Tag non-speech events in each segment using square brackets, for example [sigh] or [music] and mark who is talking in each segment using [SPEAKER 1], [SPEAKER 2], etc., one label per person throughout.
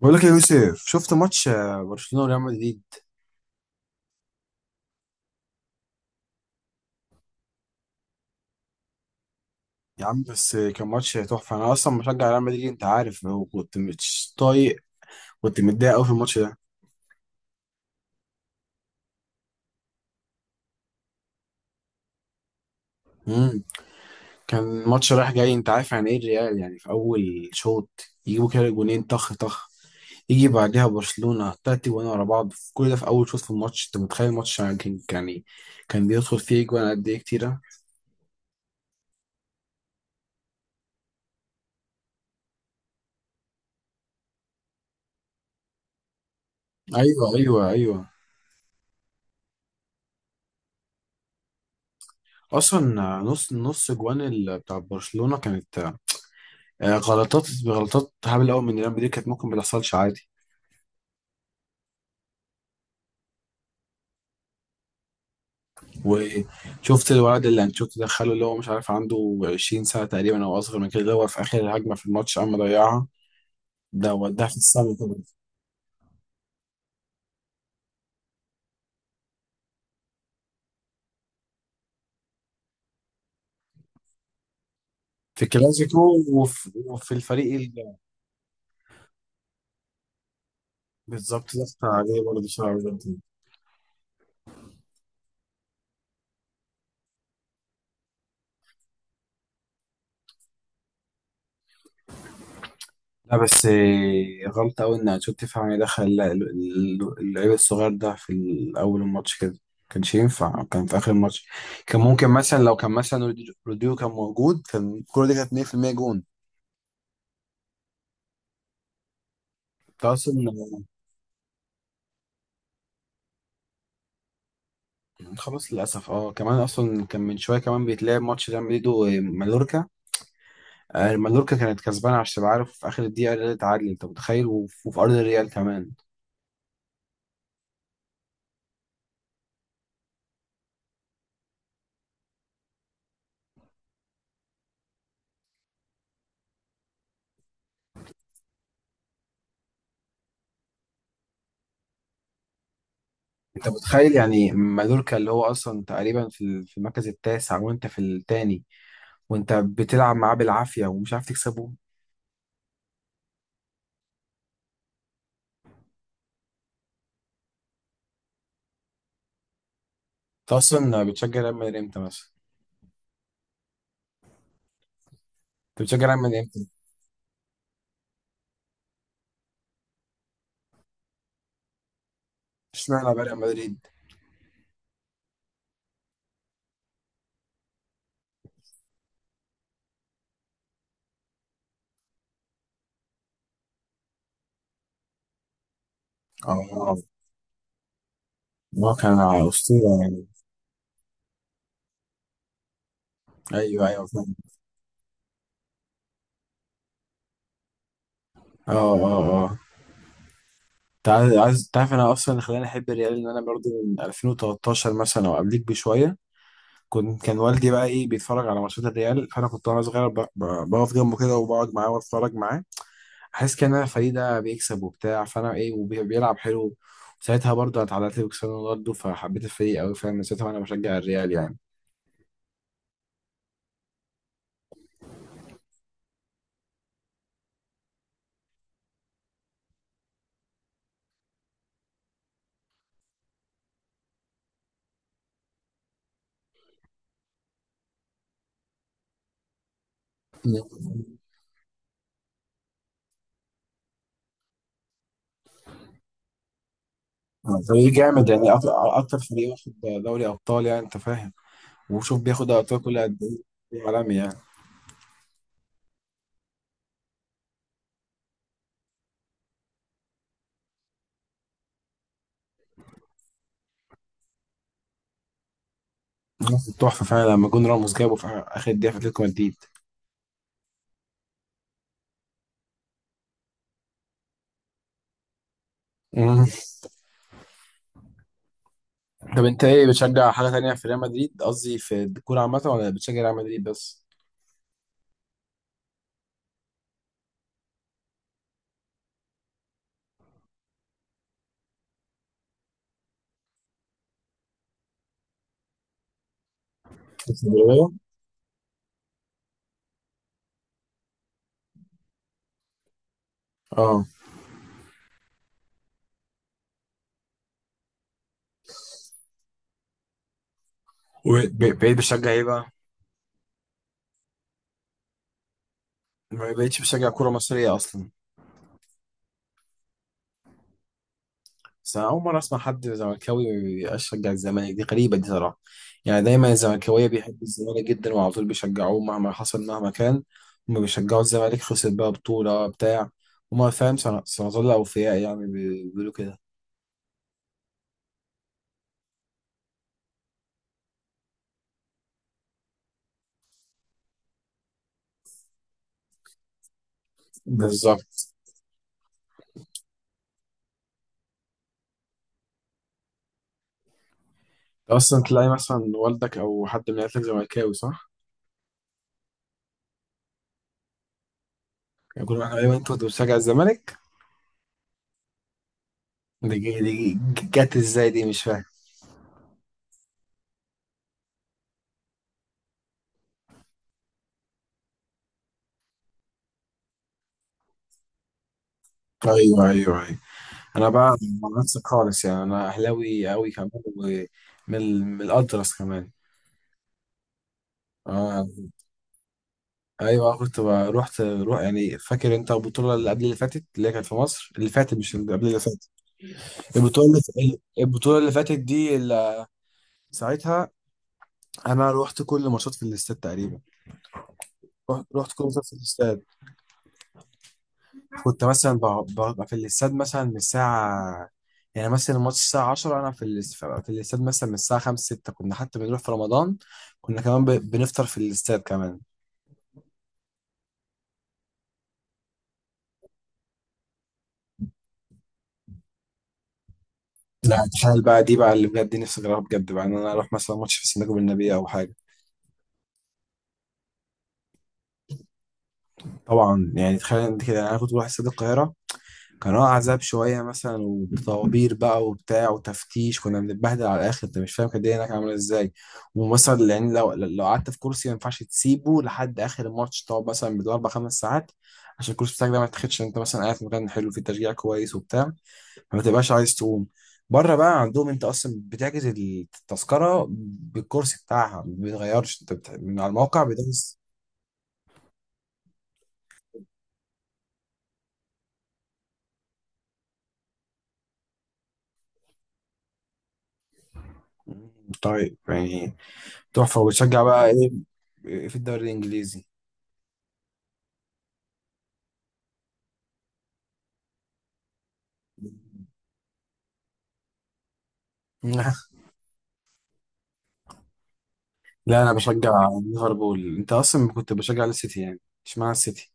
[SPEAKER 1] بقول لك يا يوسف، شفت ماتش برشلونة وريال مدريد؟ يا عم بس كان ماتش تحفة. أنا أصلا مشجع ريال مدريد أنت عارف، وكنت مش طايق. كنت متضايق أوي في الماتش ده. مم. كان ماتش رايح جاي، أنت عارف يعني إيه الريال. يعني في أول شوط يجيبوا كده جونين طخ طخ، يجي بعدها برشلونة 3 جوان ورا بعض، في كل ده في أول شوط في الماتش. أنت متخيل الماتش يعني كان يعني كان بيدخل فيه جوان قد إيه كتيرة. أيوه، أيوه، أيوه. اصلا نص نص جوان بتاع برشلونه كانت غلطات غلطات هبل قوي من ريال مدريد، كانت ممكن ما تحصلش عادي. وشفت الولد اللي انشيلوتي دخله، اللي هو مش عارف عنده 20 سنه تقريبا او اصغر من كده، اللي هو في اخر الهجمه في الماتش قام ضيعها، ده وداها في السما طبعا. في كلاسيكو وفي الفريق. بالظبط، ضغط عليه برضه بسرعه. لا بس غلطة أوي إن أنشيلوتي تفهم يدخل اللعيب الصغير ده في أول الماتش كده، كانش ينفع، كان في آخر الماتش. كان ممكن مثلا لو كان مثلا روديو كان موجود كان الكورة دي كانت 100% جون. أنت أصلا خلاص، للأسف. أه، كمان أصلا كان من شوية كمان بيتلعب ماتش ريال مدريد ومالوركا. مالوركا كانت كسبانة، عشان تبقى عارف، في آخر الدقيقة اللي اتعادل، أنت متخيل؟ وفي أرض الريال كمان. أنت متخيل يعني مالوركا اللي هو أصلا تقريبا في في المركز التاسع وأنت في التاني، وانت بتلعب معاه بالعافيه ومش عارف تكسبه. انت اصلا بتشجع ريال مدريد امتى مثلا؟ انت بتشجع ريال مدريد امتى؟ اشمعنى بقى ريال مدريد؟ اه. هو كان اسطوره يعني. ايوه، ايوه، فاهم. اه، اه، اه. انت تعرف انا اصلا اللي خلاني احب الريال ان انا برضه من 2013 مثلا او قبليك بشويه. كان والدي بقى ايه بيتفرج على ماتشات الريال، فانا كنت وانا صغير بقف جنبه كده وبقعد معاه واتفرج معاه، حاسس كان انا فريق ده بيكسب وبتاع، فانا ايه وبيلعب حلو. وساعتها برضه انا اتعلقت بكريستيانو رونالدو، فحبيت الفريق قوي، فاهم؟ من ساعتها وانا بشجع الريال يعني. فريق جامد يعني اكتر فريق واخد دوري ابطال، يعني انت فاهم، وشوف بياخد ابطال كل قد ايه، عالمي يعني. تحفه فعلا لما جون راموس جابه في اخر دقيقه في اتلتيكو مدريد. مم. طب انت ايه، بتشجع حاجه تانية في ريال مدريد، قصدي في الكوره عامه، ولا بتشجع ريال مدريد بس؟ في الكورة؟ اه. وبقيت بشجع ايه بقى؟ ما بقيتش بشجع كوره مصريه اصلا. بس أنا أول مرة أسمع حد زملكاوي يشجع الزمالك، دي غريبة دي صراحة. يعني دايما الزملكاوية بيحبوا الزمالك جدا وعلى طول بيشجعوه مهما حصل مهما كان. هما بيشجعوا الزمالك، خسر بقى بطولة بتاع، هما فاهم سنظل أوفياء يعني، بيقولوا كده. بالظبط. أصلا تلاقي مثلا والدك أو حد من عيلتك زملكاوي، صح؟ يقول لك أيوه أنت كنت بتشجع الزمالك. دي جت إزاي، دي مش فاهم. أيوه، أيوه. انا بقى عكسك خالص، يعني انا اهلاوي قوي كمان. ومن ال- من الاطرس كمان. اه. ايوه كنت رحت روح، يعني فاكر انت البطوله اللي قبل اللي فاتت اللي هي كانت في مصر، اللي فاتت مش اللي قبل اللي فاتت. البطوله اللي البطوله اللي فاتت دي، اللي ساعتها انا رحت كل ماتشات في الاستاد تقريبا. رحت كل ماتشات في الاستاد. كنت مثلا ببقى في الاستاد مثلا من الساعة، يعني مثلا الماتش الساعة 10، أنا في الاستاد مثلا من الساعة 5 6. كنا حتى بنروح في رمضان، كنا كمان بنفطر في الاستاد كمان. لا تخيل بقى، دي بقى اللي بجد نفسي أجربها بجد بقى، إن أنا أروح مثلا ماتش في سيناجو بالنبي أو حاجة. طبعا، يعني تخيل أنت كده، أنا كنت بروح استاد القاهرة، كان اه عذاب شوية مثلا، وطوابير بقى وبتاع وتفتيش، كنا بنتبهدل على الآخر، أنت مش فاهم كانت الدنيا هناك عاملة إزاي. ومثلا يعني لو قعدت في كرسي ما ينفعش تسيبه لحد آخر الماتش، تقعد مثلا 4 5 ساعات، عشان الكرسي بتاعك ده ما يتاخدش، إن أنت مثلا قاعد في مكان حلو فيه تشجيع كويس وبتاع، فما تبقاش عايز تقوم. بره بقى عندهم أنت أصلا بتحجز التذكرة بالكرسي بتاعها ما بيتغيرش، أنت من على الموقع بتحجز. طيب يعني تحفة، وبتشجع بقى إيه في الدوري الإنجليزي؟ [laughs] لا انا بشجع ليفربول، انت اصلا كنت بشجع السيتي يعني؟ اشمعنى السيتي؟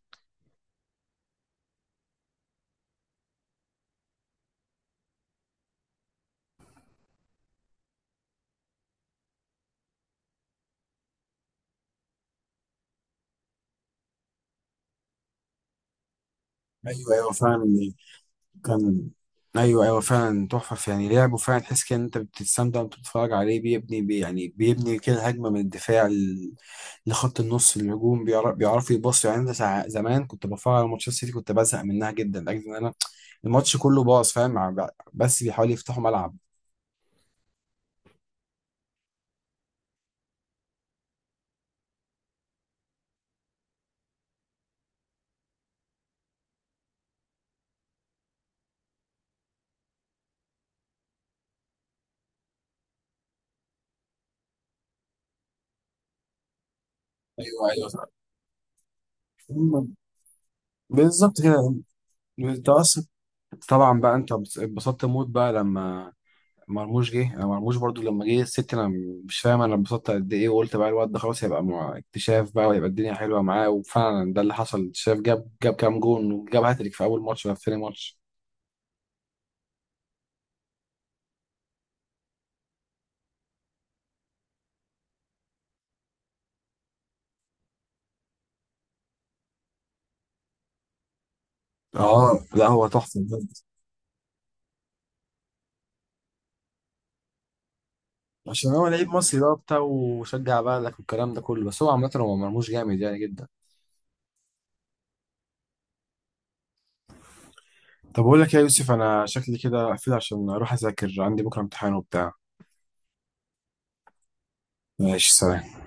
[SPEAKER 1] ايوه، ايوه، فعلا. كان ايوه، ايوه، فعلا تحفه، يعني لعبه فعلا تحس كده ان انت بتستمتع وانت بتتفرج عليه، بيبني يعني بيبني كده هجمه من الدفاع لخط النص الهجوم، بيعرف يبص، يعني انا زمان كنت بتفرج على ماتشات السيتي، كنت بزهق منها جدا لاجل ان انا الماتش كله باظ، فاهم بس بيحاولوا يفتحوا ملعب. ايوه، ايوه، صح. بالظبط كده. انت اصلا طبعا بقى انت اتبسطت موت بقى لما مرموش جه، انا مرموش برضو لما جه الست، انا مش فاهم انا انبسطت قد ايه، وقلت بقى الواد ده خلاص هيبقى مع اكتشاف بقى، ويبقى الدنيا حلوه معاه، وفعلا ده اللي حصل اكتشاف، جاب كام جون وجاب هاتريك في اول ماتش ولا في ثاني ماتش. اه، لا هو تحفه بجد. عشان هو لعيب مصري بقى وبتاع، وشجع بلدك والكلام ده كله، بس هو عامة هو مرموش جامد يعني جدا. طب أقول لك إيه يا يوسف، أنا شكلي كده أقفل عشان أروح أذاكر، عندي بكرة امتحان وبتاع. ماشي، سلام.